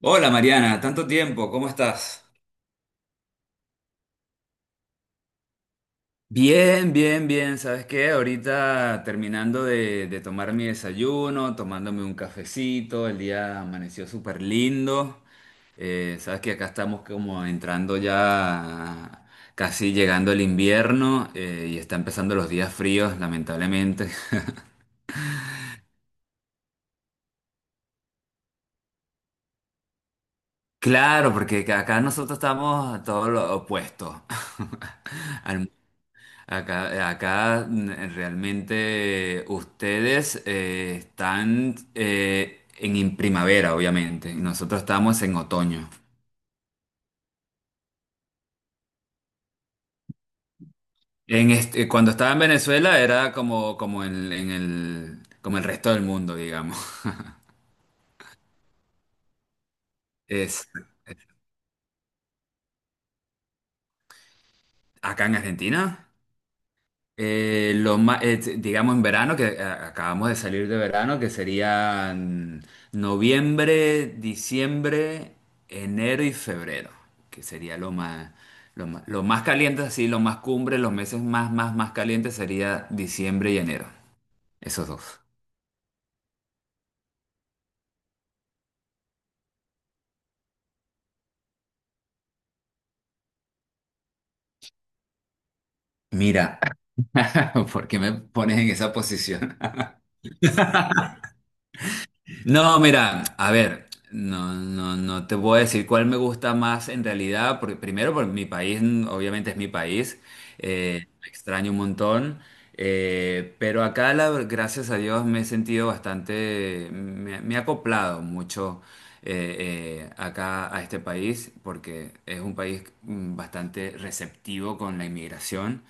Hola Mariana, tanto tiempo, ¿cómo estás? Bien, bien, bien. ¿Sabes qué? Ahorita terminando de tomar mi desayuno, tomándome un cafecito, el día amaneció súper lindo. Sabes que acá estamos como entrando ya, casi llegando el invierno y está empezando los días fríos, lamentablemente. Claro, porque acá nosotros estamos todo lo opuesto. Al acá, realmente ustedes están en primavera, obviamente, y nosotros estamos en otoño. Cuando estaba en Venezuela era como en el, como el resto del mundo, digamos. Es, acá en Argentina. Digamos en verano, que acabamos de salir de verano, que serían noviembre, diciembre, enero y febrero, que sería lo más caliente, así, lo más cumbre, los meses más calientes sería diciembre y enero, esos dos. Mira, ¿por qué me pones en esa posición? No, mira, a ver, no, no, no te puedo decir cuál me gusta más en realidad, porque primero, porque mi país, obviamente es mi país, lo extraño un montón, pero acá, gracias a Dios, me he sentido bastante, me he acoplado mucho acá a este país, porque es un país bastante receptivo con la inmigración.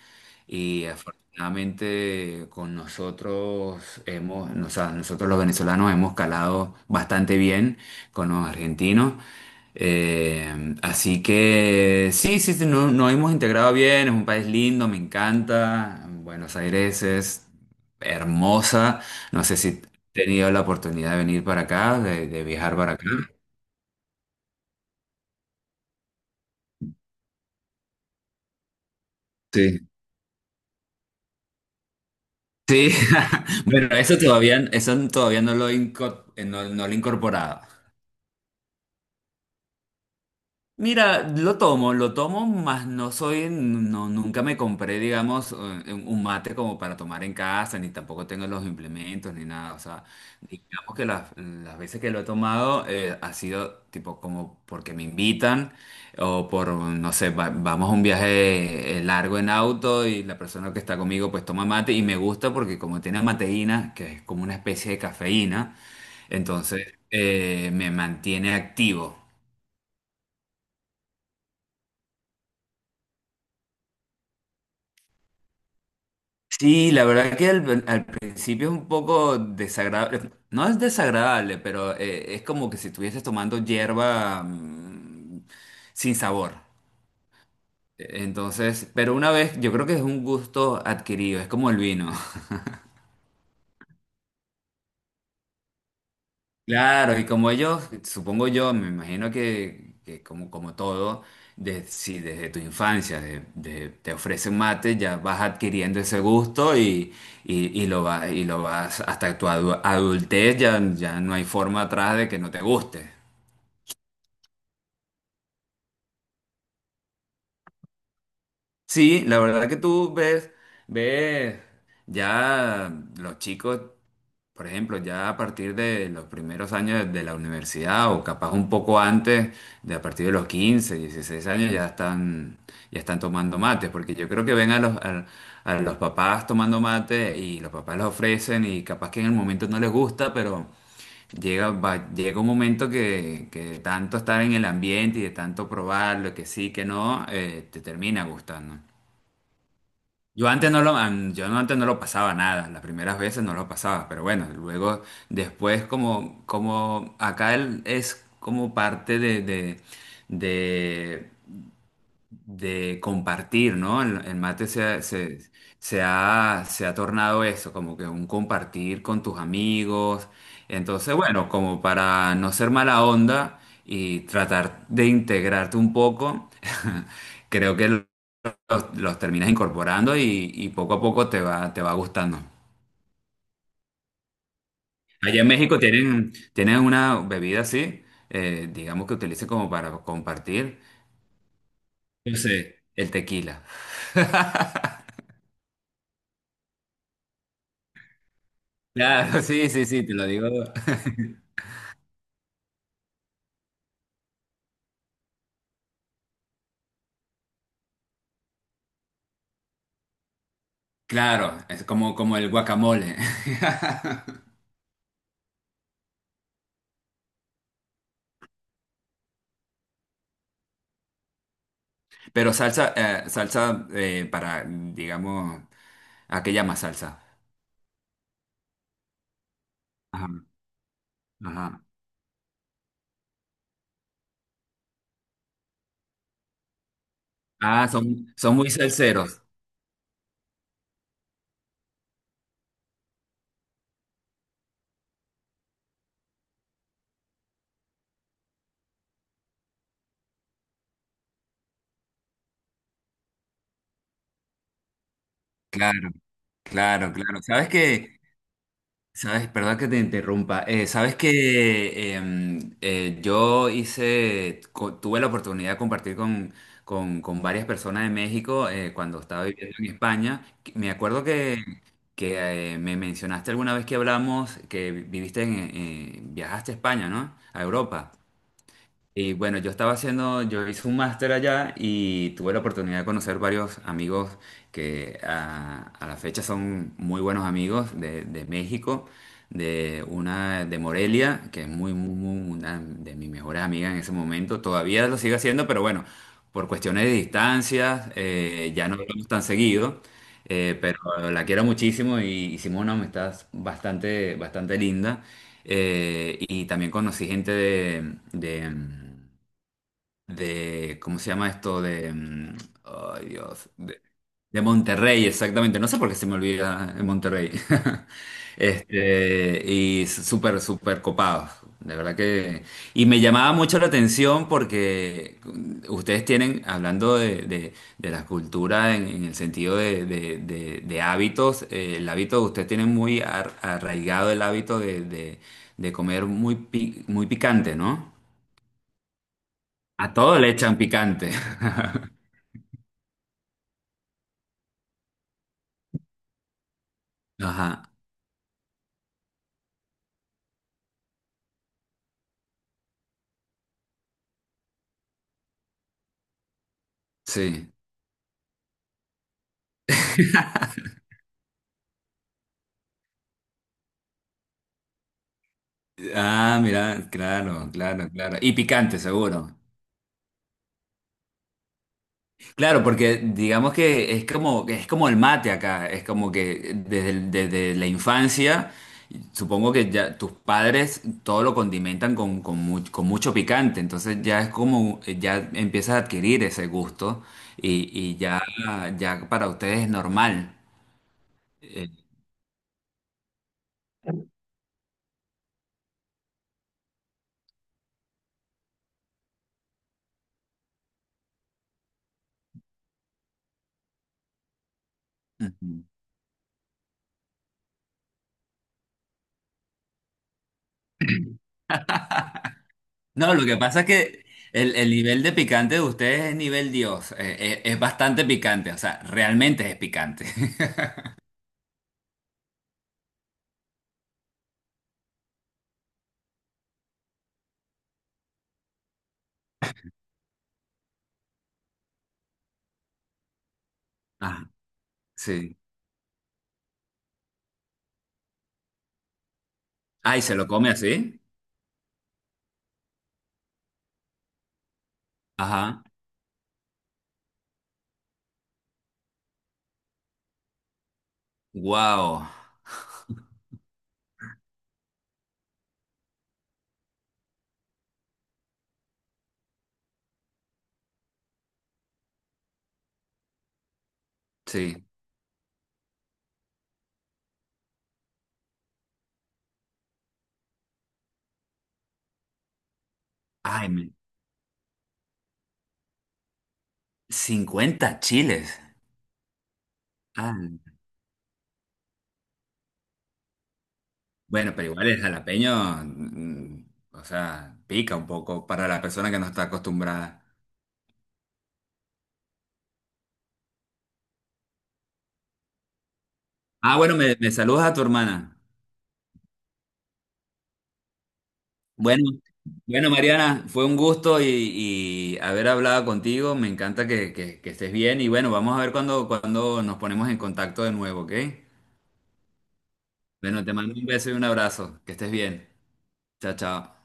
Y afortunadamente con nosotros hemos, o sea, nosotros los venezolanos hemos calado bastante bien con los argentinos. Así que sí, sí, sí, nos hemos integrado bien, es un país lindo, me encanta. Buenos Aires es hermosa. No sé si he tenido la oportunidad de venir para acá, de viajar para acá. Sí. Sí, bueno, eso todavía no lo he incorporado. Mira, lo tomo, mas no soy, no, nunca me compré, digamos, un mate como para tomar en casa, ni tampoco tengo los implementos, ni nada. O sea, digamos que las veces que lo he tomado ha sido tipo como porque me invitan o por, no sé, vamos a un viaje largo en auto y la persona que está conmigo pues toma mate y me gusta porque como tiene mateína, que es como una especie de cafeína, entonces me mantiene activo. Sí, la verdad que al principio es un poco desagradable, no es desagradable, pero es como que si estuvieses tomando hierba sin sabor. Entonces, pero una vez, yo creo que es un gusto adquirido, es como el vino. Claro, y como ellos, supongo yo, me imagino que como todo, si desde tu infancia te ofrecen mate, ya vas adquiriendo ese gusto y lo vas hasta tu adultez, ya, ya no hay forma atrás de que no te guste. Sí, la verdad que tú ves, ves, ya los chicos Por ejemplo, ya a partir de los primeros años de la universidad o capaz un poco antes, de a partir de los 15, 16 años ya están tomando mates, porque yo creo que ven a los papás tomando mate y los papás los ofrecen y capaz que en el momento no les gusta, pero llega un momento que de tanto estar en el ambiente y de tanto probarlo, que sí, que no, te termina gustando. Yo antes no lo, an- yo no- antes no lo pasaba nada, las primeras veces no lo pasaba, pero bueno, luego después como acá es como parte de, de compartir, ¿no? El mate se ha tornado eso, como que un compartir con tus amigos. Entonces, bueno, como para no ser mala onda y tratar de integrarte un poco, creo que los terminas incorporando y poco a poco te va gustando. Allá en México tienen una bebida así, digamos que utilicen como para compartir, yo sé, el tequila. Claro, sí, sí, sí, te lo digo. Claro, es como el guacamole. Pero salsa, salsa para, digamos, ¿a qué llama salsa? Ajá, ajá. Ah, son muy salseros. Claro, claro, claro. ¿Sabes qué? Sabes, perdón que te interrumpa. Sabes que tuve la oportunidad de compartir con varias personas de México cuando estaba viviendo en España. Me acuerdo que, me mencionaste alguna vez que hablamos que viajaste a España, ¿no? A Europa. Y bueno, yo hice un máster allá y tuve la oportunidad de conocer varios amigos que a la fecha son muy buenos amigos de México, de una de Morelia, que es una de mis mejores amigas en ese momento. Todavía lo sigue haciendo, pero bueno, por cuestiones de distancias, ya no hablamos tan seguido, pero la quiero muchísimo y hicimos una amistad bastante, bastante linda. Y también conocí gente ¿cómo se llama esto? Ay Dios, de Monterrey, exactamente. No sé por qué se me olvida en Monterrey. Este, y súper, súper copados. De verdad que. Y me llamaba mucho la atención porque ustedes tienen, hablando de la cultura en el sentido de hábitos, el hábito, ustedes tienen muy arraigado el hábito de comer muy picante, ¿no? A todo le echan picante. Ajá, sí. Ah, mira, claro, claro, claro. Y picante, seguro. Claro, porque digamos que es como el mate acá, es como que desde la infancia, supongo que ya tus padres todo lo condimentan con mucho picante, entonces ya es como, ya empiezas a adquirir ese gusto y ya, ya para ustedes es normal. Eh, No, lo que pasa es que el nivel de picante de ustedes es nivel Dios. Es bastante picante, o sea, realmente es picante. Ah, sí. Ay, ¿se lo come así? Ajá. Wow. Sí. Ay, 50 chiles. Ah, bueno, pero igual el jalapeño, o sea, pica un poco para la persona que no está acostumbrada. Ah, bueno, me saludas a tu hermana. Bueno, bueno, Mariana, fue un gusto y haber hablado contigo. Me encanta que estés bien y bueno, vamos a ver cuando nos ponemos en contacto de nuevo, ¿ok? Bueno, te mando un beso y un abrazo. Que estés bien. Chao, chao.